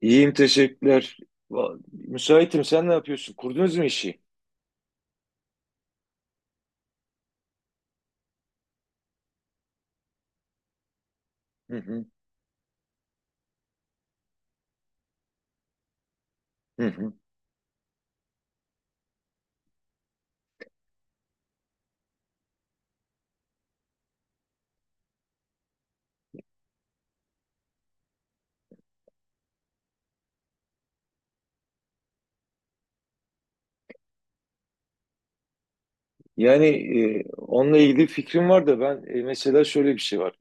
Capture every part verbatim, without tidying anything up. İyiyim teşekkürler. Va- Müsaitim, sen ne yapıyorsun? Kurdunuz mu işi? Hı hı, hı hı. Yani e, onunla ilgili fikrim var da ben, e, mesela şöyle bir şey var.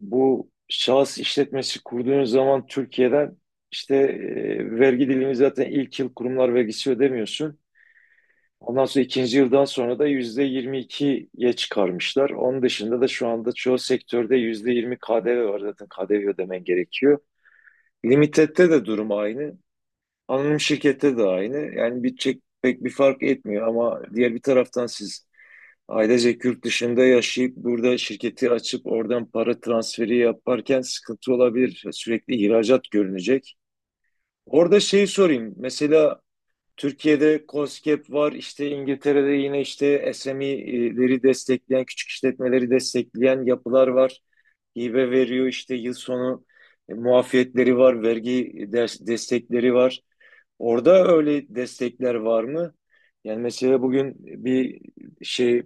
Bu şahıs işletmesi kurduğunuz zaman Türkiye'den işte e, vergi dilimi zaten ilk yıl kurumlar vergisi ödemiyorsun. Ondan sonra ikinci yıldan sonra da yüzde yirmi ikiye çıkarmışlar. Onun dışında da şu anda çoğu sektörde yüzde yirmi K D V var, zaten K D V ödemen gerekiyor. Limitette de durum aynı. Anonim şirkette de aynı. Yani bitecek pek bir fark etmiyor ama diğer bir taraftan siz ailecek yurt dışında yaşayıp burada şirketi açıp oradan para transferi yaparken sıkıntı olabilir. Sürekli ihracat görünecek. Orada şeyi sorayım. Mesela Türkiye'de KOSGEB var, işte İngiltere'de yine işte S M E'leri destekleyen, küçük işletmeleri destekleyen yapılar var. Hibe veriyor, işte yıl sonu e, muafiyetleri var, vergi des- destekleri var. Orada öyle destekler var mı? Yani mesela bugün bir şey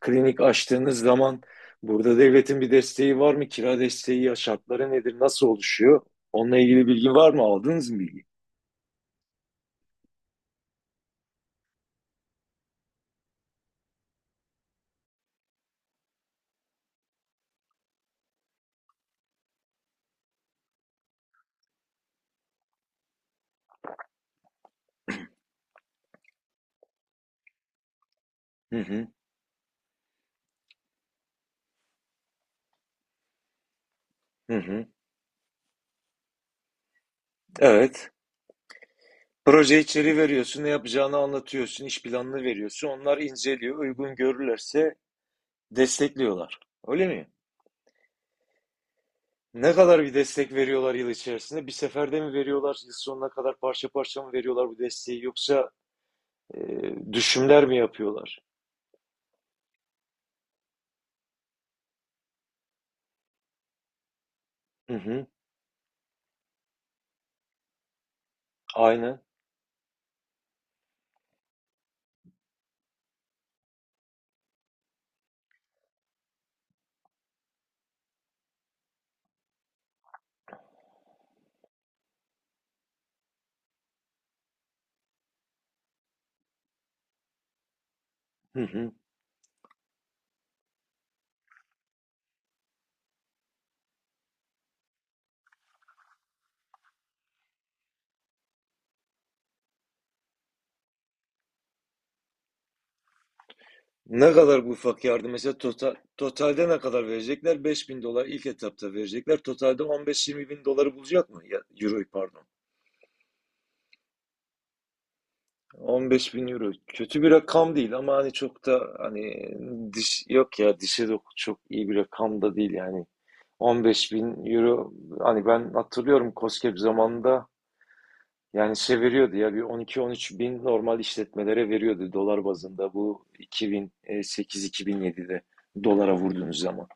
klinik açtığınız zaman burada devletin bir desteği var mı? Kira desteği ya, şartları nedir? Nasıl oluşuyor? Onunla ilgili bilgi var mı? Aldınız mı bilgi? Hı hı. Hı hı. Evet. Proje içeriği veriyorsun, ne yapacağını anlatıyorsun, iş planını veriyorsun. Onlar inceliyor, uygun görürlerse destekliyorlar. Öyle mi? Ne kadar bir destek veriyorlar yıl içerisinde? Bir seferde mi veriyorlar, yıl sonuna kadar parça parça mı veriyorlar bu desteği, yoksa e, düşümler mi yapıyorlar? Hı hı, aynen. Hı hı. Ne kadar bu ufak yardım? Mesela total, totalde ne kadar verecekler? Beş bin dolar ilk etapta verecekler. Totalde on beş yirmi bin doları bulacak mı? Ya, euro pardon. on beş bin euro. Kötü bir rakam değil ama hani çok da hani diş yok ya, dişe de çok iyi bir rakam da değil yani. on beş bin euro, hani ben hatırlıyorum KOSGEB zamanında yani şey veriyordu ya, bir on iki on üç bin normal işletmelere veriyordu dolar bazında, bu iki bin sekiz iki bin yedide dolara vurduğunuz zaman.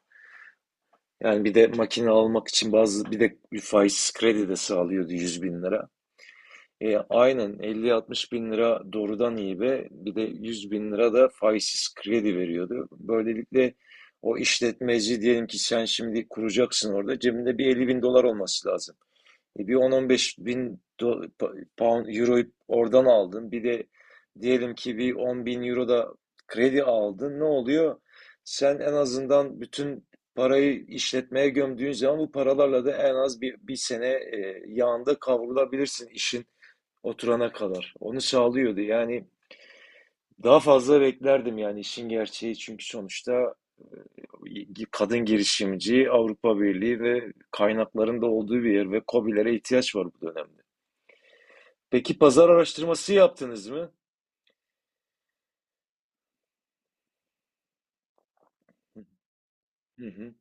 Yani bir de makine almak için bazı, bir de bir faiz kredi de sağlıyordu, yüz bin lira. E, aynen, elli altmış bin lira doğrudan hibe, bir de yüz bin lira da faizsiz kredi veriyordu. Böylelikle o işletmeci, diyelim ki sen şimdi kuracaksın, orada cebinde bir elli bin dolar olması lazım. E, bir on on beş bin do- pa- pound, euroyu oradan aldın, bir de diyelim ki bir on bin euro da kredi aldın, ne oluyor? Sen en azından bütün parayı işletmeye gömdüğün zaman, bu paralarla da en az bir, bir sene e, yağında kavrulabilirsin. İşin oturana kadar. Onu sağlıyordu. Yani daha fazla beklerdim yani, işin gerçeği, çünkü sonuçta kadın girişimci, Avrupa Birliği ve kaynakların da olduğu bir yer ve KOBİ'lere ihtiyaç var bu dönemde. Peki pazar araştırması yaptınız mı? Hı hı,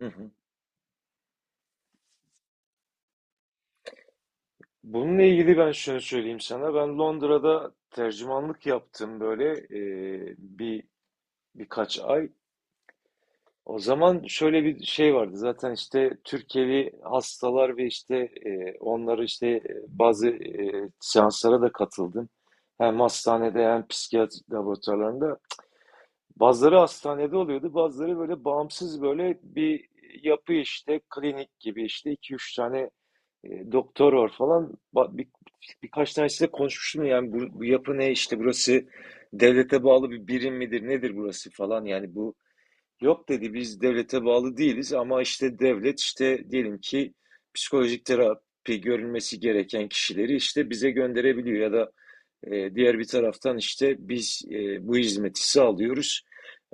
hı hı. Bununla ilgili ben şunu söyleyeyim sana. Ben Londra'da tercümanlık yaptım böyle, e, bir birkaç ay. O zaman şöyle bir şey vardı. Zaten işte Türkiye'li hastalar ve işte, e, onları işte, e, bazı e, seanslara da katıldım. Hem hastanede, hem psikiyatri laboratuvarlarında. Bazıları hastanede oluyordu, bazıları böyle bağımsız, böyle bir yapı işte, klinik gibi işte, iki üç tane e, doktor var falan. Ba- Bir, birkaç tanesiyle konuşmuştum, yani bu, bu yapı ne işte, burası devlete bağlı bir birim midir, nedir burası falan, yani bu. Yok dedi, biz devlete bağlı değiliz ama işte devlet işte, diyelim ki psikolojik terapi görülmesi gereken kişileri işte bize gönderebiliyor ya da e, diğer bir taraftan işte biz, e, bu hizmeti sağlıyoruz.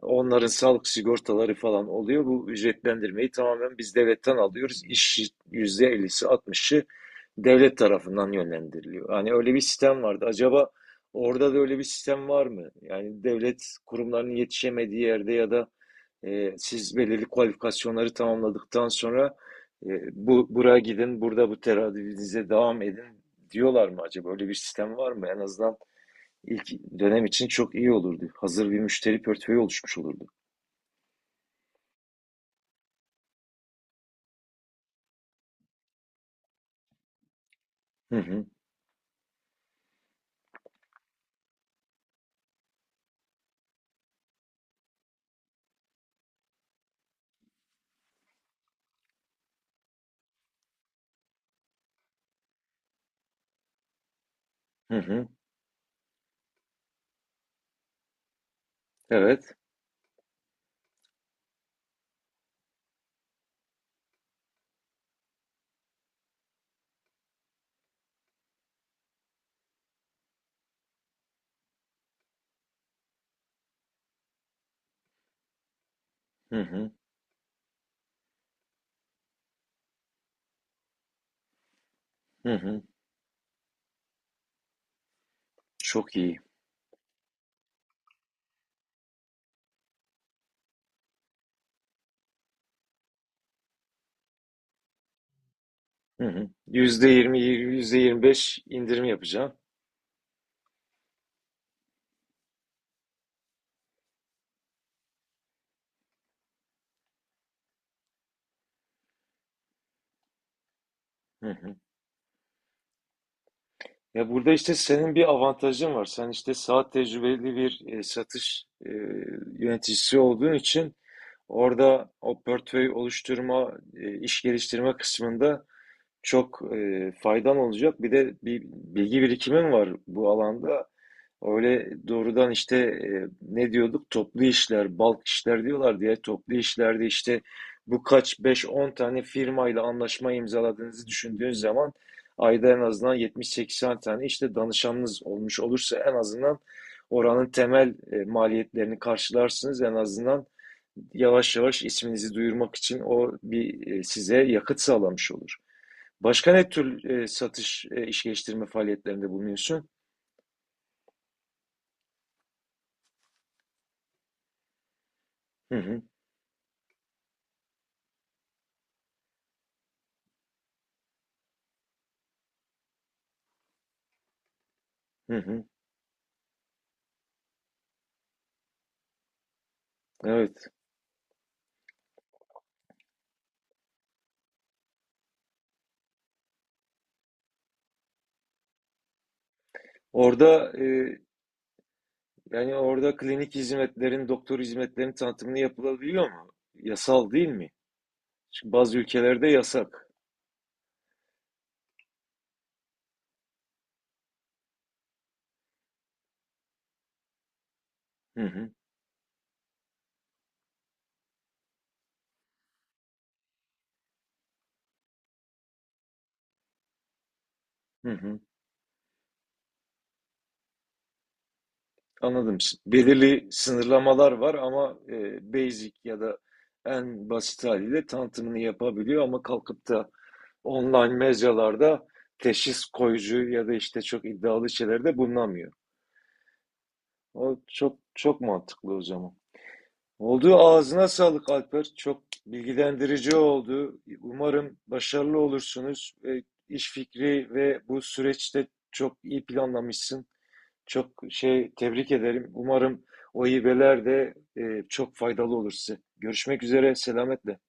Onların sağlık sigortaları falan oluyor. Bu ücretlendirmeyi tamamen biz devletten alıyoruz. İş yüzde ellisi, altmışı devlet tarafından yönlendiriliyor. Hani öyle bir sistem vardı. Acaba orada da öyle bir sistem var mı? Yani devlet kurumlarının yetişemediği yerde ya da e, siz belirli kualifikasyonları tamamladıktan sonra e, bu buraya gidin, burada bu teradüvinize devam edin diyorlar mı acaba? Öyle bir sistem var mı? En azından ilk dönem için çok iyi olurdu. Hazır bir müşteri portföyü oluşmuş olurdu. Hı hı, hı hı. Evet. Hı hı, hı hı. Çok iyi. Hı hı. yüzde yirmi, yüzde yirmi beş indirim yapacağım. Hı hı. Ya, burada işte senin bir avantajın var. Sen işte saat tecrübeli bir e, satış e, yöneticisi olduğun için, orada o portföy oluşturma, e, iş geliştirme kısmında çok e, faydan olacak. Bir de bir bilgi birikimim var bu alanda. Öyle doğrudan işte, e, ne diyorduk? Toplu işler, balk işler diyorlar diye. Toplu işlerde işte, bu kaç beş on tane firmayla anlaşma imzaladığınızı düşündüğün zaman, ayda en azından yetmiş seksen tane işte danışanınız olmuş olursa en azından oranın temel e, maliyetlerini karşılarsınız. En azından yavaş yavaş isminizi duyurmak için o bir e, size yakıt sağlamış olur. Başka ne tür e, satış, e, iş geliştirme faaliyetlerinde bulunuyorsun? Hı hı, hı hı. Evet. Orada e, yani orada klinik hizmetlerin, doktor hizmetlerin tanıtımını yapılabiliyor mu? Yasal değil mi? Çünkü bazı ülkelerde yasak. Hı hı, hı hı. Anladım. Belirli sınırlamalar var ama e, basic ya da en basit haliyle tanıtımını yapabiliyor, ama kalkıp da online mecralarda teşhis koyucu ya da işte çok iddialı şeylerde bulunamıyor. O çok çok mantıklı o zaman. Oldu. Ağzına sağlık Alper. Çok bilgilendirici oldu. Umarım başarılı olursunuz. E, iş fikri ve bu süreçte çok iyi planlamışsın. Çok şey tebrik ederim. Umarım o hibeler de e, çok faydalı olur size. Görüşmek üzere. Selametle.